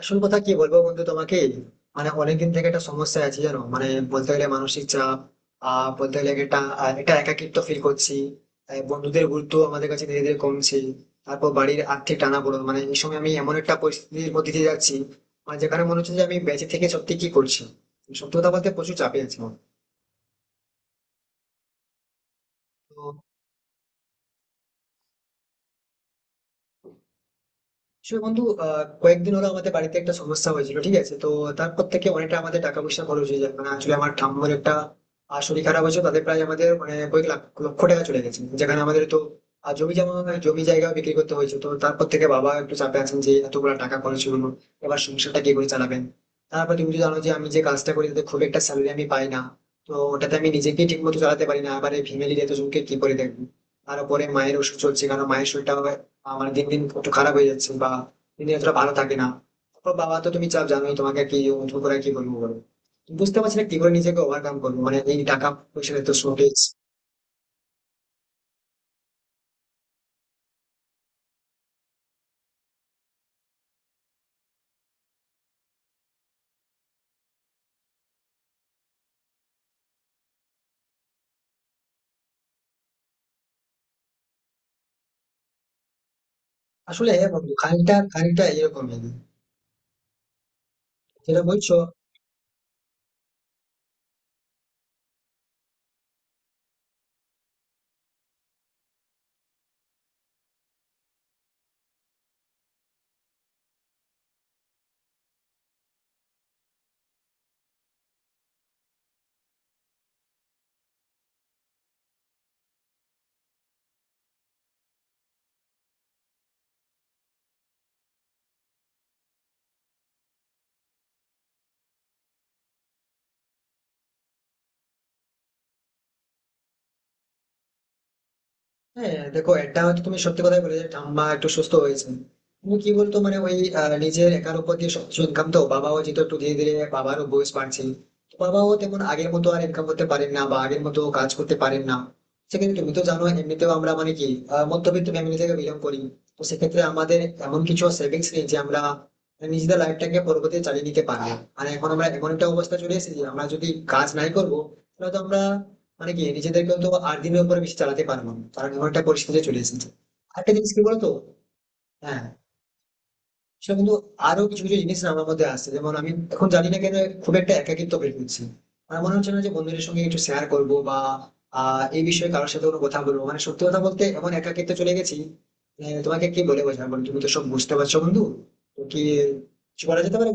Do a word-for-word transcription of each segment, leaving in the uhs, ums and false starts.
আসল কথা কি বলবো বন্ধু তোমাকে? মানে অনেকদিন থেকে একটা সমস্যা আছে, জানো। মানে বলতে গেলে মানসিক চাপ। আহ বলতে গেলে একটা আহ, একটা একাকিত্ব ফিল করছি। আহ, বন্ধুদের গুরুত্ব আমাদের কাছে ধীরে ধীরে কমছে। তারপর বাড়ির আর্থিক টানাপোড়েন, মানে এই সময় আমি এমন একটা পরিস্থিতির মধ্যে দিয়ে যাচ্ছি, মানে যেখানে মনে হচ্ছে যে আমি বেঁচে থেকে সত্যি কি করছি। সত্যি কথা বলতে প্রচুর চাপে আছি আমি। তো আসলে বন্ধু, আহ, কয়েকদিন হলো আমাদের বাড়িতে একটা সমস্যা হয়েছিল, ঠিক আছে? তো তারপর থেকে অনেকটা আমাদের টাকা পয়সা খরচ হয়ে যায়। মানে আসলে আমার ঠাম্মার একটা আহ, শরীর খারাপ হয়েছে, তাদের প্রায় আমাদের মানে কয়েক লাখ লক্ষ টাকা চলে গেছে। যেখানে আমাদের তো আহ, জমি জমা জমি জায়গা বিক্রি করতে হয়েছে। তো তারপর থেকে বাবা একটু চাপে আছেন যে এতগুলো টাকা খরচ হলো, এবার সংসারটা কি করে চালাবেন। তারপর তুমি তো জানো যে আমি যে কাজটা করি তাতে খুব একটা স্যালারি আমি পাই না। তো ওটাতে আমি নিজেকে ঠিক মতো চালাতে পারি না, আবার এই ফ্যামিলির এতজনকে কি করে দেখবো। তারপরে মায়ের ওষুধ চলছে কারণ মায়ের শরীরটা আমার দিন দিন একটু খারাপ হয়ে যাচ্ছে, বা দিন দিন এতটা ভালো থাকে না। তারপর বাবা তো, তুমি চাপ জানোই, তোমাকে কি নতুন করে কি বলবো বলো। বুঝতে পারছি না কি করে নিজেকে ওভারকাম করবো, মানে এই টাকা পয়সার এত শর্টেজ। আসলে হ্যাঁ বন্ধু, খানিকটা খানিকটা এরকমই যেটা বলছো। হ্যাঁ দেখো, এটা হয়তো তুমি সত্যি কথাই বলে যে ঠাম্মা একটু সুস্থ হয়েছে, কিন্তু কি বলতো, মানে ওই আহ, নিজের একার উপর দিয়ে সবকিছু ইনকাম, তো বাবাও যেহেতু একটু ধীরে ধীরে, বাবারও বয়স বাড়ছে। তো বাবাও তেমন আগের মতো আর ইনকাম করতে পারেন না বা আগের মতো কাজ করতে পারেন না। সেক্ষেত্রে তুমি তো জানো, এমনিতেও আমরা মানে কি, আহ, মধ্যবিত্ত ফ্যামিলি থেকে বিলং করি। তো সেক্ষেত্রে আমাদের এমন কিছু সেভিংস নেই যে আমরা নিজেদের লাইফটাকে পরবর্তীতে চালিয়ে নিতে পারবো। আর এখন আমরা এমন একটা অবস্থা চলে এসেছি যে আমরা যদি কাজ নাই করবো, তাহলে তো আমরা মানে কি, নিজেদেরকে তো আর দিনের উপরে বেশি চালাতে পারবো না, কারণ এমন একটা পরিস্থিতি চলে এসেছে। আরেকটা জিনিস কি বলতো, হ্যাঁ, সে কিন্তু আরো কিছু কিছু জিনিস না আমার মধ্যে আসছে। যেমন আমি এখন জানি না কেন খুব একটা একাকিত্ব ফিল করছি। আমার মনে হচ্ছে না যে বন্ধুদের সঙ্গে একটু শেয়ার করবো বা আহ, এই বিষয়ে কারোর সাথে কোনো কথা বলবো। মানে সত্যি কথা বলতে এমন একাকিত্ব চলে গেছি, মানে তোমাকে কি বলে বোঝাবো, তুমি তো সব বুঝতে পারছো বন্ধু। তো কি কিছু বলা যেতে পারে?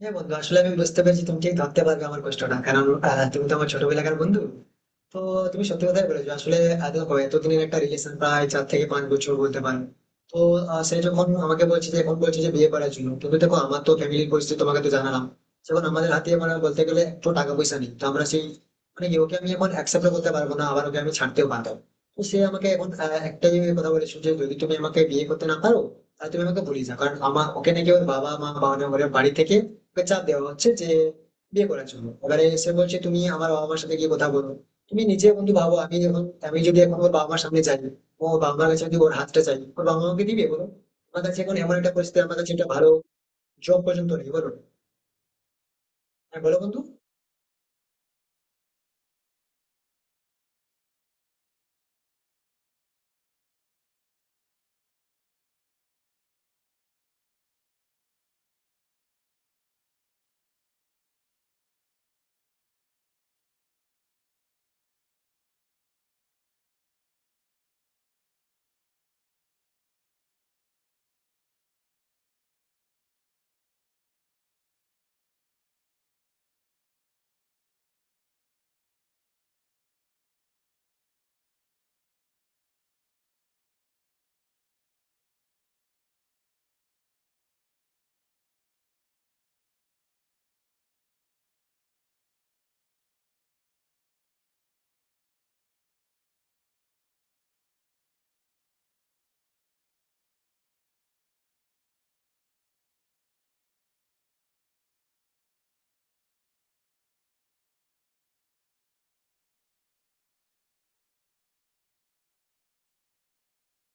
হ্যাঁ বন্ধু, আসলে আমি বুঝতে পেরেছি তুমি ঠিক ধরতে পারবে আমার কষ্টটা, কারণ আহ, তুমি তো আমার ছোটবেলাকার বন্ধু। তো তুমি সত্যি কথাই বলেছো আসলে। আহ, দেখো, এতদিনের একটা রিলেশন, প্রায় চার থেকে পাঁচ বছর বলতে পারো। তো আহ, সে যখন আমাকে বলছে, যে এখন বলছে যে বিয়ে করার জন্য, কিন্তু দেখো আমার তো ফ্যামিলির পরিস্থিতি তোমাকে তো জানালাম। যখন আমাদের হাতে মানে বলতে গেলে একটু টাকা পয়সা নেই, তো আমরা সেই মানে কি, ওকে আমি এখন অ্যাকসেপ্ট করতে পারবো না, আবার ওকে আমি ছাড়তেও পারবো না। তো সে আমাকে এখন আহ, একটাই কথা বলেছো যে যদি তুমি আমাকে বিয়ে করতে না পারো, তাহলে তুমি আমাকে ভুলে যাও। কারণ আমার ওকে নাকি ওর বাবা মা বা ওর বাড়ি থেকে ওকে চাপ দেওয়া হচ্ছে যে বিয়ে করার জন্য। এবারে সে বলছে তুমি আমার বাবা মার সাথে গিয়ে কথা বলো। তুমি নিজে বন্ধু ভাবো, আমি যখন আমি যদি এখন ওর বাবা মার সামনে যাই, ও বাবা মার কাছে যদি ওর হাতটা চাই, ওর বাবা মাকে দিবে বলো? আমার কাছে এখন এমন একটা পরিস্থিতি, আমার কাছে একটা ভালো জব পর্যন্ত নেই বলো না। হ্যাঁ বলো বন্ধু।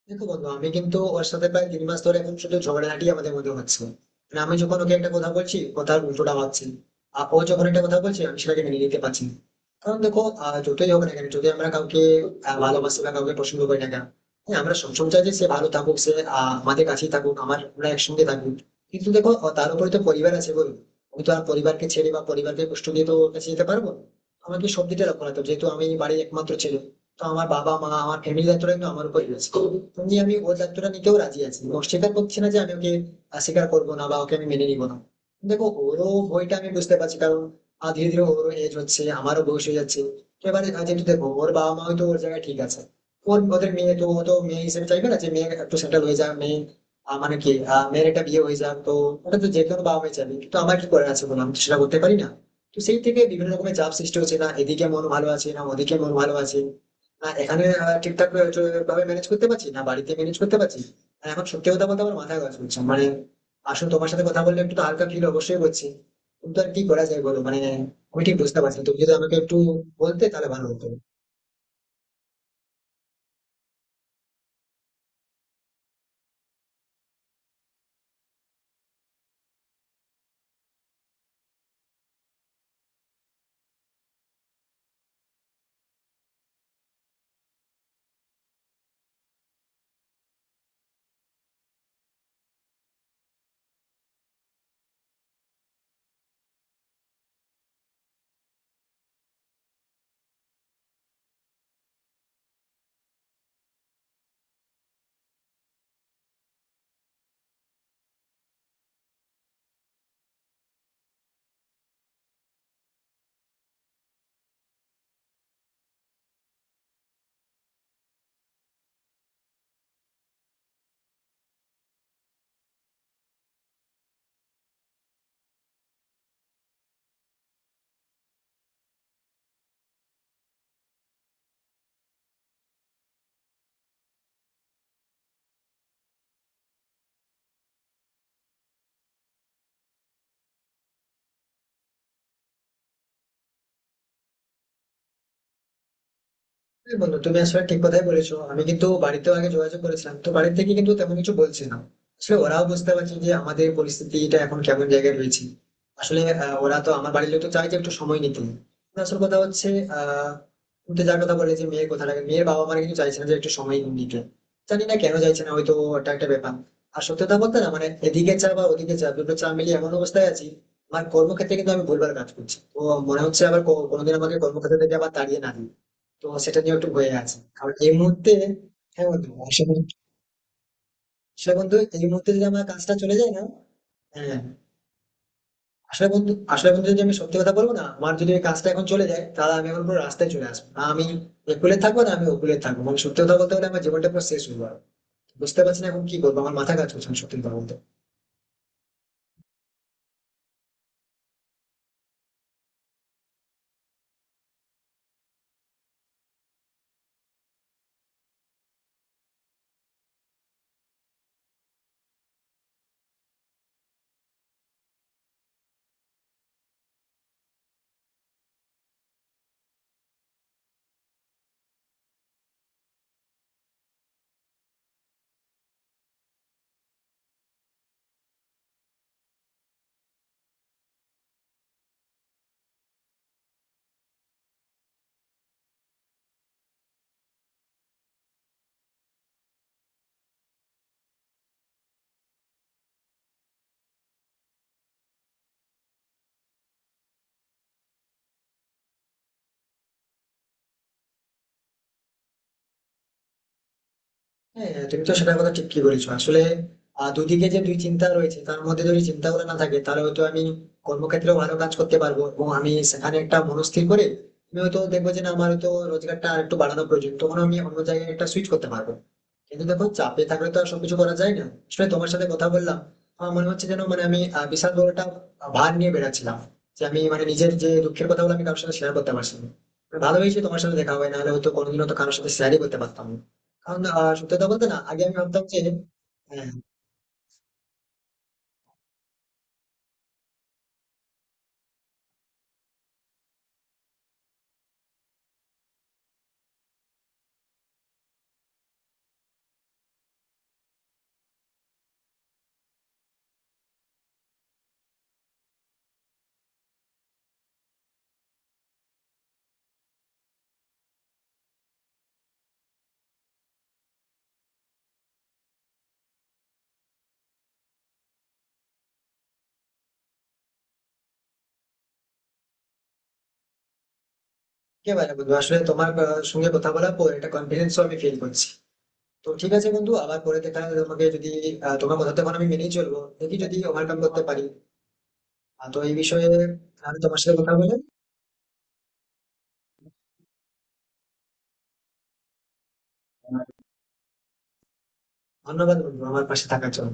দেখো বন্ধু, আমি কিন্তু ওর সাথে প্রায় তিন মাস ধরে এখন শুধু ঝগড়াঝাটি আমাদের মধ্যে হচ্ছে। মানে আমি যখন ওকে একটা কথা বলছি, কথার উল্টোটা ভাবছি। আর ও যখন একটা কথা বলছে, আমি সেটাকে মেনে নিতে পারছি না। কারণ দেখো, আহ, যতই হোক না কেন যদি আমরা কাউকে আহ, ভালোবাসি বা কাউকে পছন্দ করি না কেন, হ্যাঁ, আমরা সবসময় চাই যে সে ভালো থাকুক, সে আহ, আমাদের কাছেই থাকুক, আমার আমরা একসঙ্গে থাকুক। কিন্তু দেখো, আহ, তার উপরে তো পরিবার আছে বলুন। আমি তো আর পরিবারকে ছেড়ে বা পরিবারকে কষ্ট দিয়ে তো ওর কাছে যেতে পারবো না। আমাকে সব দিকটা লক্ষ্য রাখতে হবে। যেহেতু আমি বাড়ির একমাত্র ছেলে, তো আমার বাবা মা, আমার ফ্যামিলি, দায়িত্বটা কিন্তু আমার উপর রয়েছে। তুমি আমি ওর দায়িত্বটা নিতেও রাজি আছি, অস্বীকার করছি না যে আমি ওকে আহ, স্বীকার করবো না বা ওকে আমি মেনে নিবো না। দেখো ওরও ভয়টা আমি বুঝতে পারছি, কারণ আহ, ধীরে ধীরে ওরও এজ হচ্ছে, আমারও বয়স হয়ে যাচ্ছে। তো এবারে আহ, যেহেতু দেখো, ওর বাবা মা হয়তো ওর জায়গায় ঠিক আছে। ওর ওদের মেয়ে, তো ও তো মেয়ে হিসেবে চাইবে না যে মেয়ে একটু সেটেল হয়ে যাক, মেয়ে আহ, মানে কি আহ, মেয়ের একটা বিয়ে হয়ে যাক। তো ওটা তো যে কোনো বাবা মাই চাইবে, কিন্তু আমার কি করে আছে বলো, আমি তো সেটা করতে পারি না। তো সেই থেকে বিভিন্ন রকমের চাপ সৃষ্টি হচ্ছে, না এদিকে মন ভালো আছে, না ওদিকে মন ভালো আছে। আহ, এখানে আহ, ঠিকঠাক ভাবে ম্যানেজ করতে পারছি না, বাড়িতে ম্যানেজ করতে পারছি। আর এখন সত্যি কথা বলতে আমার মাথা কাজ করছে, মানে আসলে তোমার সাথে কথা বললে একটু তো হালকা ফিল অবশ্যই করছি, কিন্তু আর কি করা যায় বলো, মানে আমি ঠিক বুঝতে পারছি না। তুমি যদি আমাকে একটু বলতে তাহলে ভালো হতো। হ্যাঁ বন্ধু, তুমি আসলে ঠিক কথাই বলেছো। আমি কিন্তু বাড়িতেও আগে যোগাযোগ করেছিলাম, তো বাড়ি থেকে কিন্তু তেমন কিছু বলছে না। আসলে ওরাও বুঝতে পারছে যে আমাদের পরিস্থিতিটা এখন কেমন জায়গায় রয়েছে। আসলে আহ, ওরা তো আমার বাড়ির লোক, তো চাই যে একটু সময় নিতে। কিন্তু আসল কথা হচ্ছে, আহ তুমি তো যার কথা বলে, যে মেয়ের কথাটা, মেয়ের বাবা মারা কিন্তু চাইছে না যে একটু সময় নিতে। জানি না কেন চাইছে না, হয়তো ওটা একটা ব্যাপার। আর সত্যি কথা বলতে না, মানে এদিকে চা বা ওদিকে চা, দুটো চা মিলিয়ে এমন অবস্থায় আছি। আমার কর্মক্ষেত্রে কিন্তু আমি ভুলভাল কাজ করছি, তো মনে হচ্ছে আবার কো- কোনোদিন আমাকে কর্মক্ষেত্র থেকে আবার তাড়িয়ে না দিই। তো সেটা নিয়ে একটু ভয়ে আছি, কারণ এই মুহূর্তে হ্যাঁ বন্ধু আসলে, আসলে বন্ধু এই মুহূর্তে যদি আমার কাজটা চলে যায় না, হ্যাঁ। আসলে বন্ধু আসলে বন্ধু যদি আমি সত্যি কথা বলবো না, আমার যদি ওই কাজটা এখন চলে যায়, তাহলে আমি এখন পুরো রাস্তায় চলে আসবো, না আমি একুলে থাকবো না আমি ওকুলে থাকবো, মানে সত্যি কথা বলতে গেলে আমার জীবনটা পুরো শেষ হয়ে যাবে। বুঝতে পারছি না এখন কি করবো, আমার মাথা কাজ করছে না সত্যি কথা বলতে। হ্যাঁ, হ্যাঁ, তুমি তো সেটার কথা ঠিকই বলেছো আসলে। আহ, দুদিকে যে দুই চিন্তা রয়েছে, তার মধ্যে যদি চিন্তাগুলো না থাকে, তাহলে হয়তো আমি কর্মক্ষেত্রেও ভালো কাজ করতে পারবো, এবং আমি সেখানে একটা মনস্থির করে আমি হয়তো দেখবো যে না, আমার হয়তো রোজগারটা আর একটু বাড়ানো প্রয়োজন, তখন আমি অন্য জায়গায় একটা সুইচ করতে পারবো। কিন্তু দেখো, চাপে থাকলে তো আর সবকিছু করা যায় না। আসলে তোমার সাথে কথা বললাম, আমার মনে হচ্ছে যেন মানে আমি আহ, বিশাল বড় একটা ভার নিয়ে বেড়াচ্ছিলাম, যে আমি মানে নিজের যে দুঃখের কথাগুলো আমি কারোর সাথে শেয়ার করতে পারছি না। ভালো হয়েছে তোমার সাথে দেখা হয়, নাহলে হয়তো কোনোদিনও তো কারোর সাথে শেয়ারই করতে পারতাম না। কারণ আহ, সত্যি কথা বলতে না, আগে আমি ভাবতাম যে হ্যাঁ, একেবারে বন্ধু। আসলে তোমার আহ, সঙ্গে কথা বলার পর একটা কনফিডেন্স আমি ফিল করছি। তো ঠিক আছে বন্ধু, আবার পরে দেখা হবে। তোমাকে যদি আহ, তোমার কথা তখন আমি মেনেই চলবো, দেখি যদি ওভারকাম করতে পারি আহ, তো এই বিষয়ে। আমি তোমার সাথে কথা বলে আহ, ধন্যবাদ বন্ধু আমার পাশে থাকার জন্য।